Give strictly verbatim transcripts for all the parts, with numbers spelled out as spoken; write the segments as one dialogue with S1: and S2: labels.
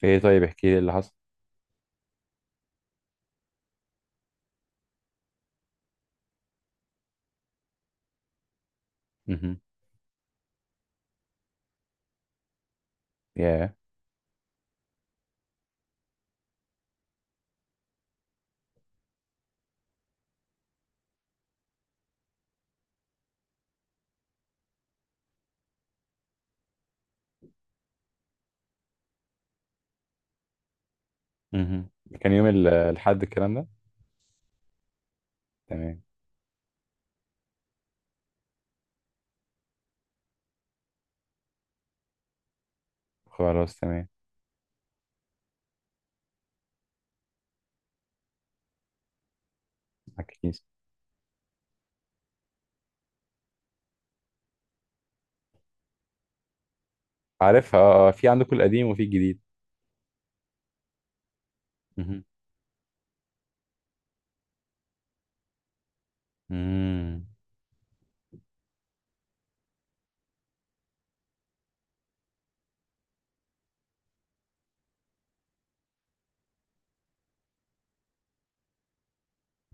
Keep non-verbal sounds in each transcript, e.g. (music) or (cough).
S1: في ايه؟ طيب، احكي لي اللي حصل. مهم. ياه. مهم. كان يوم ال- الحد الكلام ده؟ تمام. خلاص، تمام. على الكنيسة. عارفها، اه. آه، في عندكم القديم وفي الجديد. مهم. مم.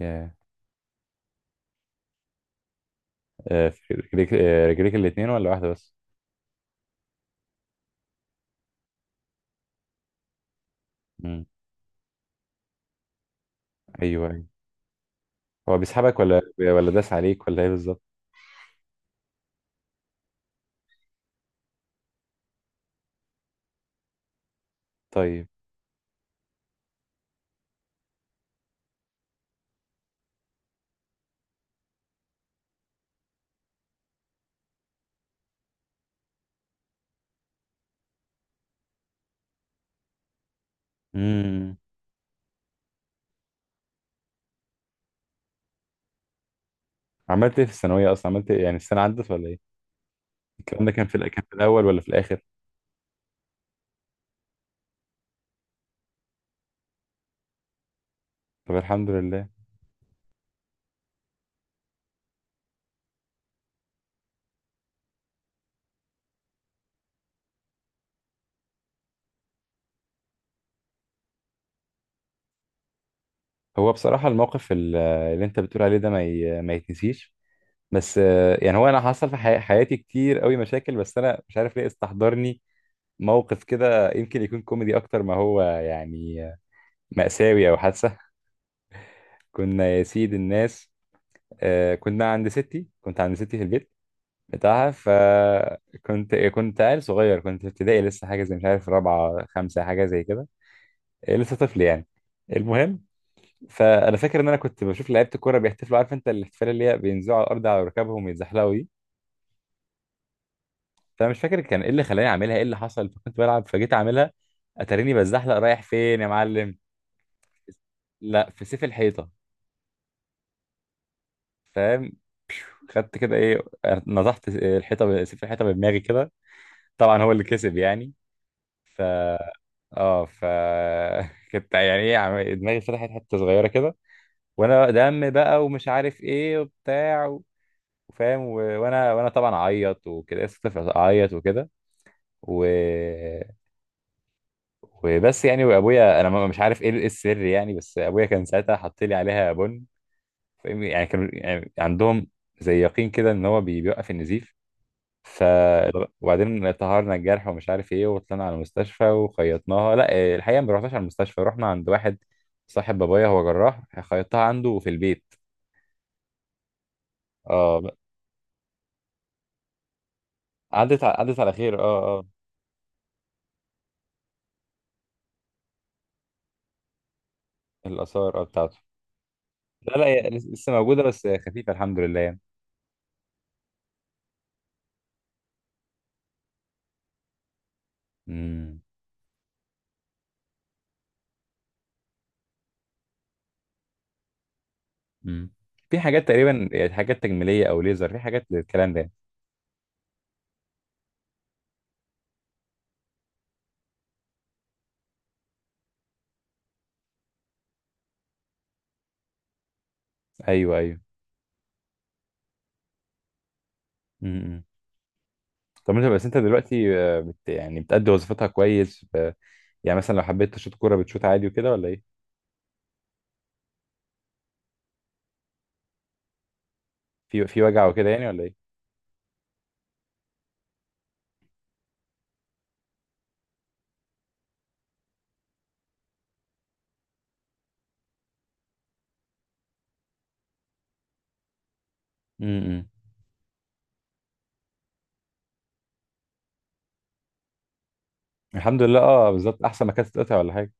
S1: ياه. آه، في رجليك، آه، رجليك الاتنين ولا واحدة بس؟ مم. ايوه، ايوه. هو بيسحبك ولا، ولا داس عليك ولا ايه بالظبط؟ طيب. مم. عملت ايه في الثانوية اصلا؟ عملت ايه يعني، السنة عدت ولا ايه؟ الكلام ده كان في الأ- كان في الاول ولا في الاخر؟ طب الحمد لله. هو بصراحة الموقف ال- اللي انت بتقول عليه ده ما ي... ما يتنسيش، بس آه، يعني هو انا حصل في حي- حياتي كتير قوي مشاكل، بس انا مش عارف ليه استحضرني موقف كده. يمكن يكون كوميدي اكتر ما هو يعني آه، مأساوي او حادثة. (laughs) كنا يا سيد الناس، آه، كنا عند ستي كنت عند ستي في البيت بتاعها. فكنت كنت عيل صغير، كنت في ابتدائي لسه، حاجة زي مش عارف رابعة خمسة، حاجة زي كده. آه، لسه طفل يعني. المهم، فانا فاكر ان انا كنت بشوف لعيبه الكوره بيحتفلوا. عارف انت الاحتفال اللي هي بينزلوا على الارض على ركبهم ويتزحلقوا. فانا مش فاكر كان ايه اللي خلاني اعملها، ايه اللي حصل، فكنت بلعب فجيت اعملها. اتاريني بزحلق رايح فين يا معلم؟ لا، في سيف الحيطه. فاهم؟ خدت كده ايه، نزحت الحيطه ب- سيف الحيطه بدماغي كده. طبعا هو اللي كسب يعني. ف اه ف (laughs) كنت يعني ايه، عم- دماغي فتحت حته صغيره كده، وانا دم بقى ومش عارف ايه وبتاع و- وفاهم، و- وانا وانا طبعا اعيط وكده، لسه طفل، اعيط وكده. و وبس يعني، وابويا انا ما- مش عارف ايه، إيه السر يعني، بس ابويا كان ساعتها حط لي عليها بن. فاهم؟ يعني كانوا يعني عندهم زي يقين كده ان هو بي- بيوقف النزيف. ف وبعدين طهرنا الجرح ومش عارف ايه وطلعنا على المستشفى وخيطناها. لا إيه، الحقيقه ما رحناش على المستشفى، رحنا عند واحد صاحب بابايا هو جراح، خيطتها عنده في البيت. اه. عدت ع- عدت على خير، اه، اه. الاثار اه بتاعته. لا، لا، هي لس- لسه موجوده بس خفيفه، الحمد لله يعني. امم. مم. في حاجات تقريبا يعني، حاجات تجميليه او ليزر، في حاجات للكلام ده؟ ايوه، ايوه. مم. طب انت بس انت دلوقتي آه، بت يعني بتأدي وظيفتها كويس ب... يعني مثلا لو حبيت تشوط كوره بتشوط عادي وكده ولا ايه؟ في في وجع وكده يعني ولا ايه؟ امم. الحمد لله، اه بالظبط، احسن ما كانت تتقطع ولا حاجه.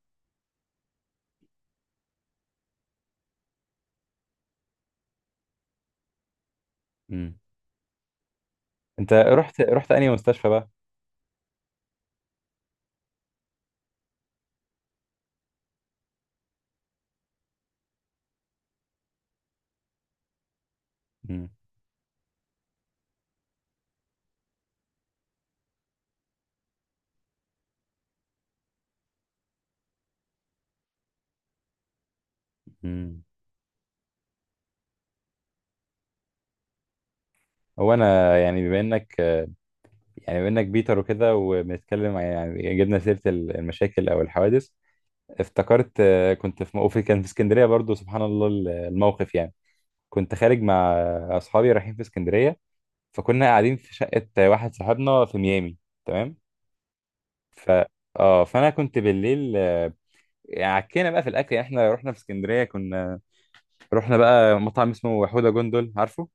S1: امم. انت رحت رحت انهي مستشفى بقى؟ امم، امم. هو انا يعني بما انك، يعني بما انك بيتر وكده، وبنتكلم عن- يعني جبنا سيره المشاكل او الحوادث، افتكرت آه، كنت في موقف كان في اسكندريه برضو، سبحان الله، ال- الموقف يعني، كنت خارج مع اصحابي رايحين في اسكندريه. فكنا قاعدين في شقه واحد صاحبنا في ميامي. تمام. ف اه، فانا كنت بالليل، آه، يعني عكينا بقى في الاكل، يعني احنا رحنا في اسكندريه، كنا رحنا بقى مطعم اسمه حوده جندل، عارفه؟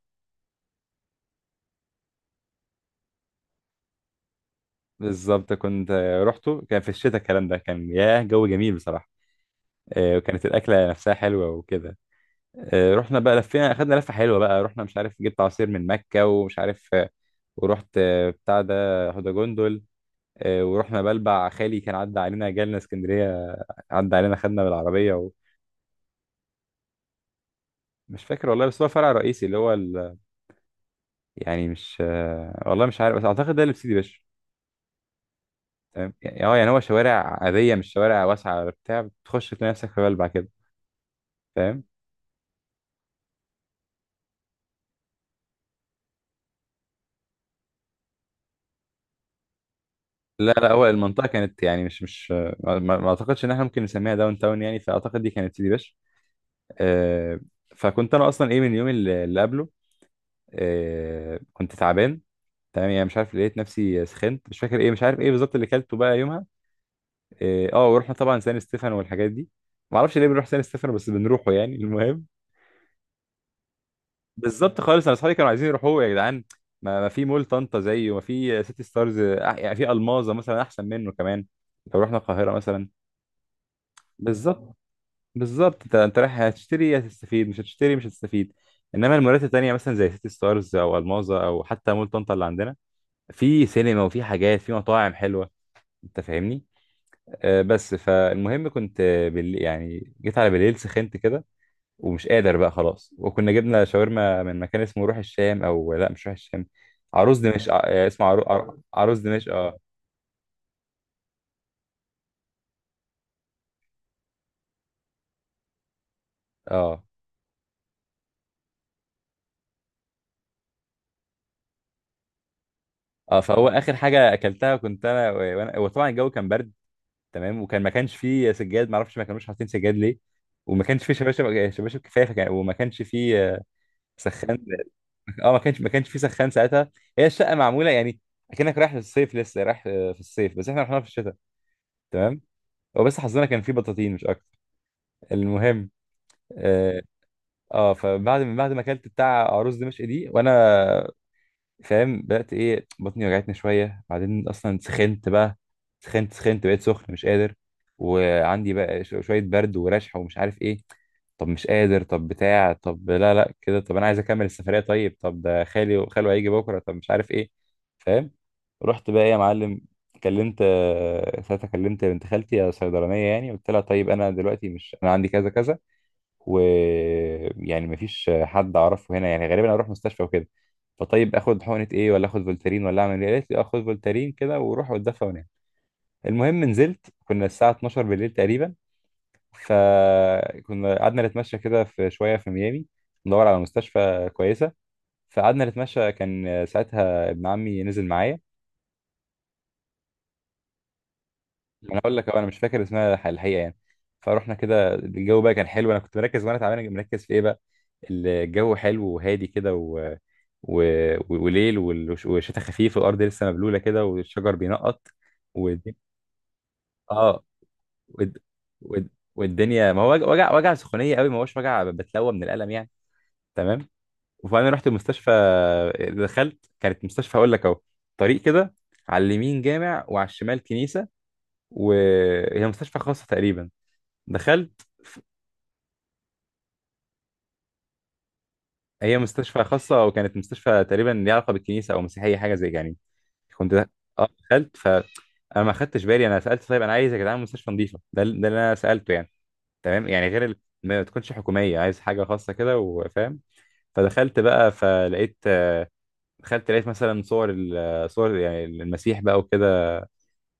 S1: بالظبط، كنت آه، رحته، كان في الشتاء الكلام ده، كان ياه، جو جميل بصراحه. آه، وكانت الاكله نفسها حلوه وكده. آه، رحنا بقى لفينا، اخدنا لفه حلوه بقى، رحنا مش عارف جبت عصير من مكه ومش عارف، آه، ورحت آه، بتاع ده هدى جندل. آه، ورحنا بلبع، خالي كان عدى علينا جالنا اسكندريه، عدى علينا خدنا بالعربيه. ومش فاكر والله، بس هو فرع رئيسي اللي هو ال... يعني مش، آه، والله مش عارف، بس اعتقد ده اللي في سيدي بشر. تمام، يعني اه يعني هو شوارع عاديه، مش شوارع واسعه ولا بتاع، بتخش تلاقي نفسك في بلبع كده، فاهم؟ لا، لا، هو المنطقه كانت يعني، مش مش آه، ما ما- ما اعتقدش ان احنا ممكن نسميها داون تاون يعني، فاعتقد دي كانت سيدي بشر. آه. فكنت انا اصلا ايه من اليوم اللي اللي قبله آه، كنت تعبان. تمام، يعني مش عارف، لقيت نفسي سخنت، مش فاكر ايه، مش عارف ايه بالظبط اللي كلته بقى يومها. اه آه، ورحنا طبعا سان ستيفانو والحاجات دي. ما اعرفش ليه بنروح سان ستيفانو، بس بنروحه يعني. المهم، بالظبط خالص، انا اصحابي كانوا عايزين يروحوه يا جدعان. ما, ما في مول طنطا زيه، وما في سيتي ستارز، آه، يعني في الماظه مثلا احسن منه كمان، لو رحنا القاهره مثلا. بالظبط، بالظبط، انت انت رايح هتشتري يا هتستفيد، مش هتشتري مش هتستفيد. انما المولات التانية مثلا زي سيتي ستارز او الماظة، او حتى مول طنطا اللي عندنا، في سينما وفي حاجات، في مطاعم حلوه. انت فاهمني؟ آه بس فالمهم كنت، بال... يعني جيت على بالليل سخنت كده، ومش قادر بقى خلاص. وكنا جبنا شاورما من مكان اسمه روح الشام، او لا مش روح الشام، عروس دمشق. آه، اسمه عرو... عر- عروس دمشق، اه، اه، اه. فهو اخر حاجه اكلتها كنت انا، وانا وطبعا الجو كان برد. تمام، وكان ما كانش فيه سجاد، ما اعرفش ما كانوش حاطين سجاد ليه، وما كانش فيه شباشب، شباشب كفايه فكان، وما كانش فيه آه، سخان. اه، ما كانش ما كانش فيه سخان ساعتها. هي الشقه معموله يعني اكنك رايح للصيف، لسه رايح آه، في الصيف، بس احنا رحنا في الشتاء. تمام. هو بس حظنا كان فيه بطاطين، مش اكتر. المهم، اه، آه، فبعد من بعد ما اكلت بتاع عروس دمشق دي، وانا فاهم، بدأت ايه، بطني وجعتني شوية. بعدين اصلا سخنت بقى، سخنت سخنت، بقيت سخن مش قادر. وعندي بقى ش- شوية برد ورشح ومش عارف ايه. طب مش قادر، طب بتاع، طب لا لا كده، طب انا عايز اكمل السفرية، طيب، طب ده خالي وخاله هيجي بكرة، طب مش عارف ايه. فاهم؟ رحت بقى ايه يا معلم، كلمت آه، ساعتها كلمت بنت خالتي الصيدلانية. يعني قلت لها طيب انا دلوقتي مش انا عندي كذا كذا، ويعني مفيش حد اعرفه هنا يعني، غالبا اروح مستشفى وكده. فطيب اخد حقنه ايه، ولا اخد فولتارين، ولا اعمل ايه؟ قالت لي اخد فولتارين كده وروح واتدفى ونام. المهم، نزلت، كنا الساعه الثانية عشرة بالليل تقريبا، فكنا قعدنا نتمشى كده في شويه في ميامي، ندور على مستشفى كويسه. فقعدنا نتمشى، كان ساعتها ابن عمي نزل معايا. ما انا اقول لك أهو، انا مش فاكر اسمها الح- الحقيقه يعني. فروحنا كده، الجو بقى كان حلو، انا كنت مركز وانا تعبان، مركز في ايه بقى، الجو حلو وهادي كده و... و... وليل، وال- والشتاء خفيف، والارض لسه مبلوله كده، والشجر بينقط، والدنيا، اه، والد... والد... والدنيا، ما هو وجع، وجع، وجع، سخونيه قوي، ما هوش وجع بتلوى من الالم يعني. تمام. وبعدين رحت المستشفى، دخلت، كانت مستشفى اقول لك اهو، طريق كده، على اليمين جامع وعلى الشمال كنيسه. وهي مستشفى خاصه تقريبا. دخلت. ف- هي مستشفى خاصة، وكانت مستشفى تقريبا ليها علاقة بالكنيسة، أو مسيحية حاجة زي يعني. كنت دخ- اه، دخلت، فأنا ما خدتش بالي، أنا سألت طيب أنا عايز يا جدعان مستشفى نظيفة، ده ال- ده اللي أنا سألته يعني، تمام يعني، غير ال... ما تكونش حكومية، عايز حاجة خاصة كده، وفاهم. فدخلت بقى، فلقيت آه، دخلت لقيت مثلا صور ال- صور يعني المسيح بقى وكده،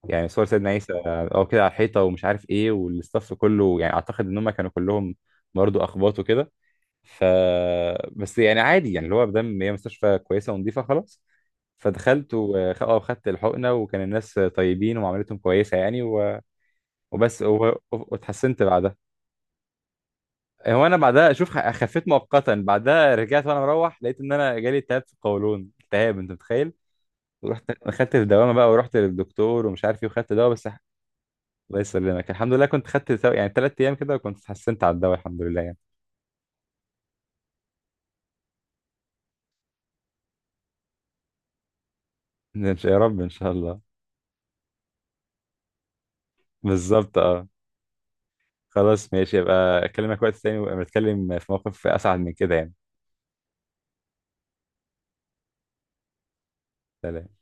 S1: يعني صور سيدنا عيسى، او كده، على الحيطة، ومش عارف ايه. والاستاف كله، يعني اعتقد ان هم كانوا كلهم برضه اخباط وكده. ف بس يعني عادي يعني، اللي هو مادام هي مستشفى كويسه ونظيفه، خلاص. فدخلت وخ- اه وخدت الحقنه، وكان الناس طيبين ومعاملتهم كويسه يعني، و... وبس، و... و- واتحسنت بعدها. هو انا بعدها اشوف، خ- خفيت مؤقتا، بعدها رجعت وانا مروح، لقيت ان انا جالي التهاب في القولون. التهاب، انت متخيل؟ ورحت خدت الدوامه بقى، ورحت للدكتور ومش عارف ايه، وخدت دواء بس. الله يسلمك، الحمد لله، كنت خدت تو- يعني ثلاث ايام كده، وكنت اتحسنت على الدواء، الحمد لله يعني. إن شاء- يا رب ان شاء الله. بالظبط، اه. خلاص ماشي، يبقى اكلمك وقت تاني ونتكلم في موقف اسعد من كده يعني. سلام.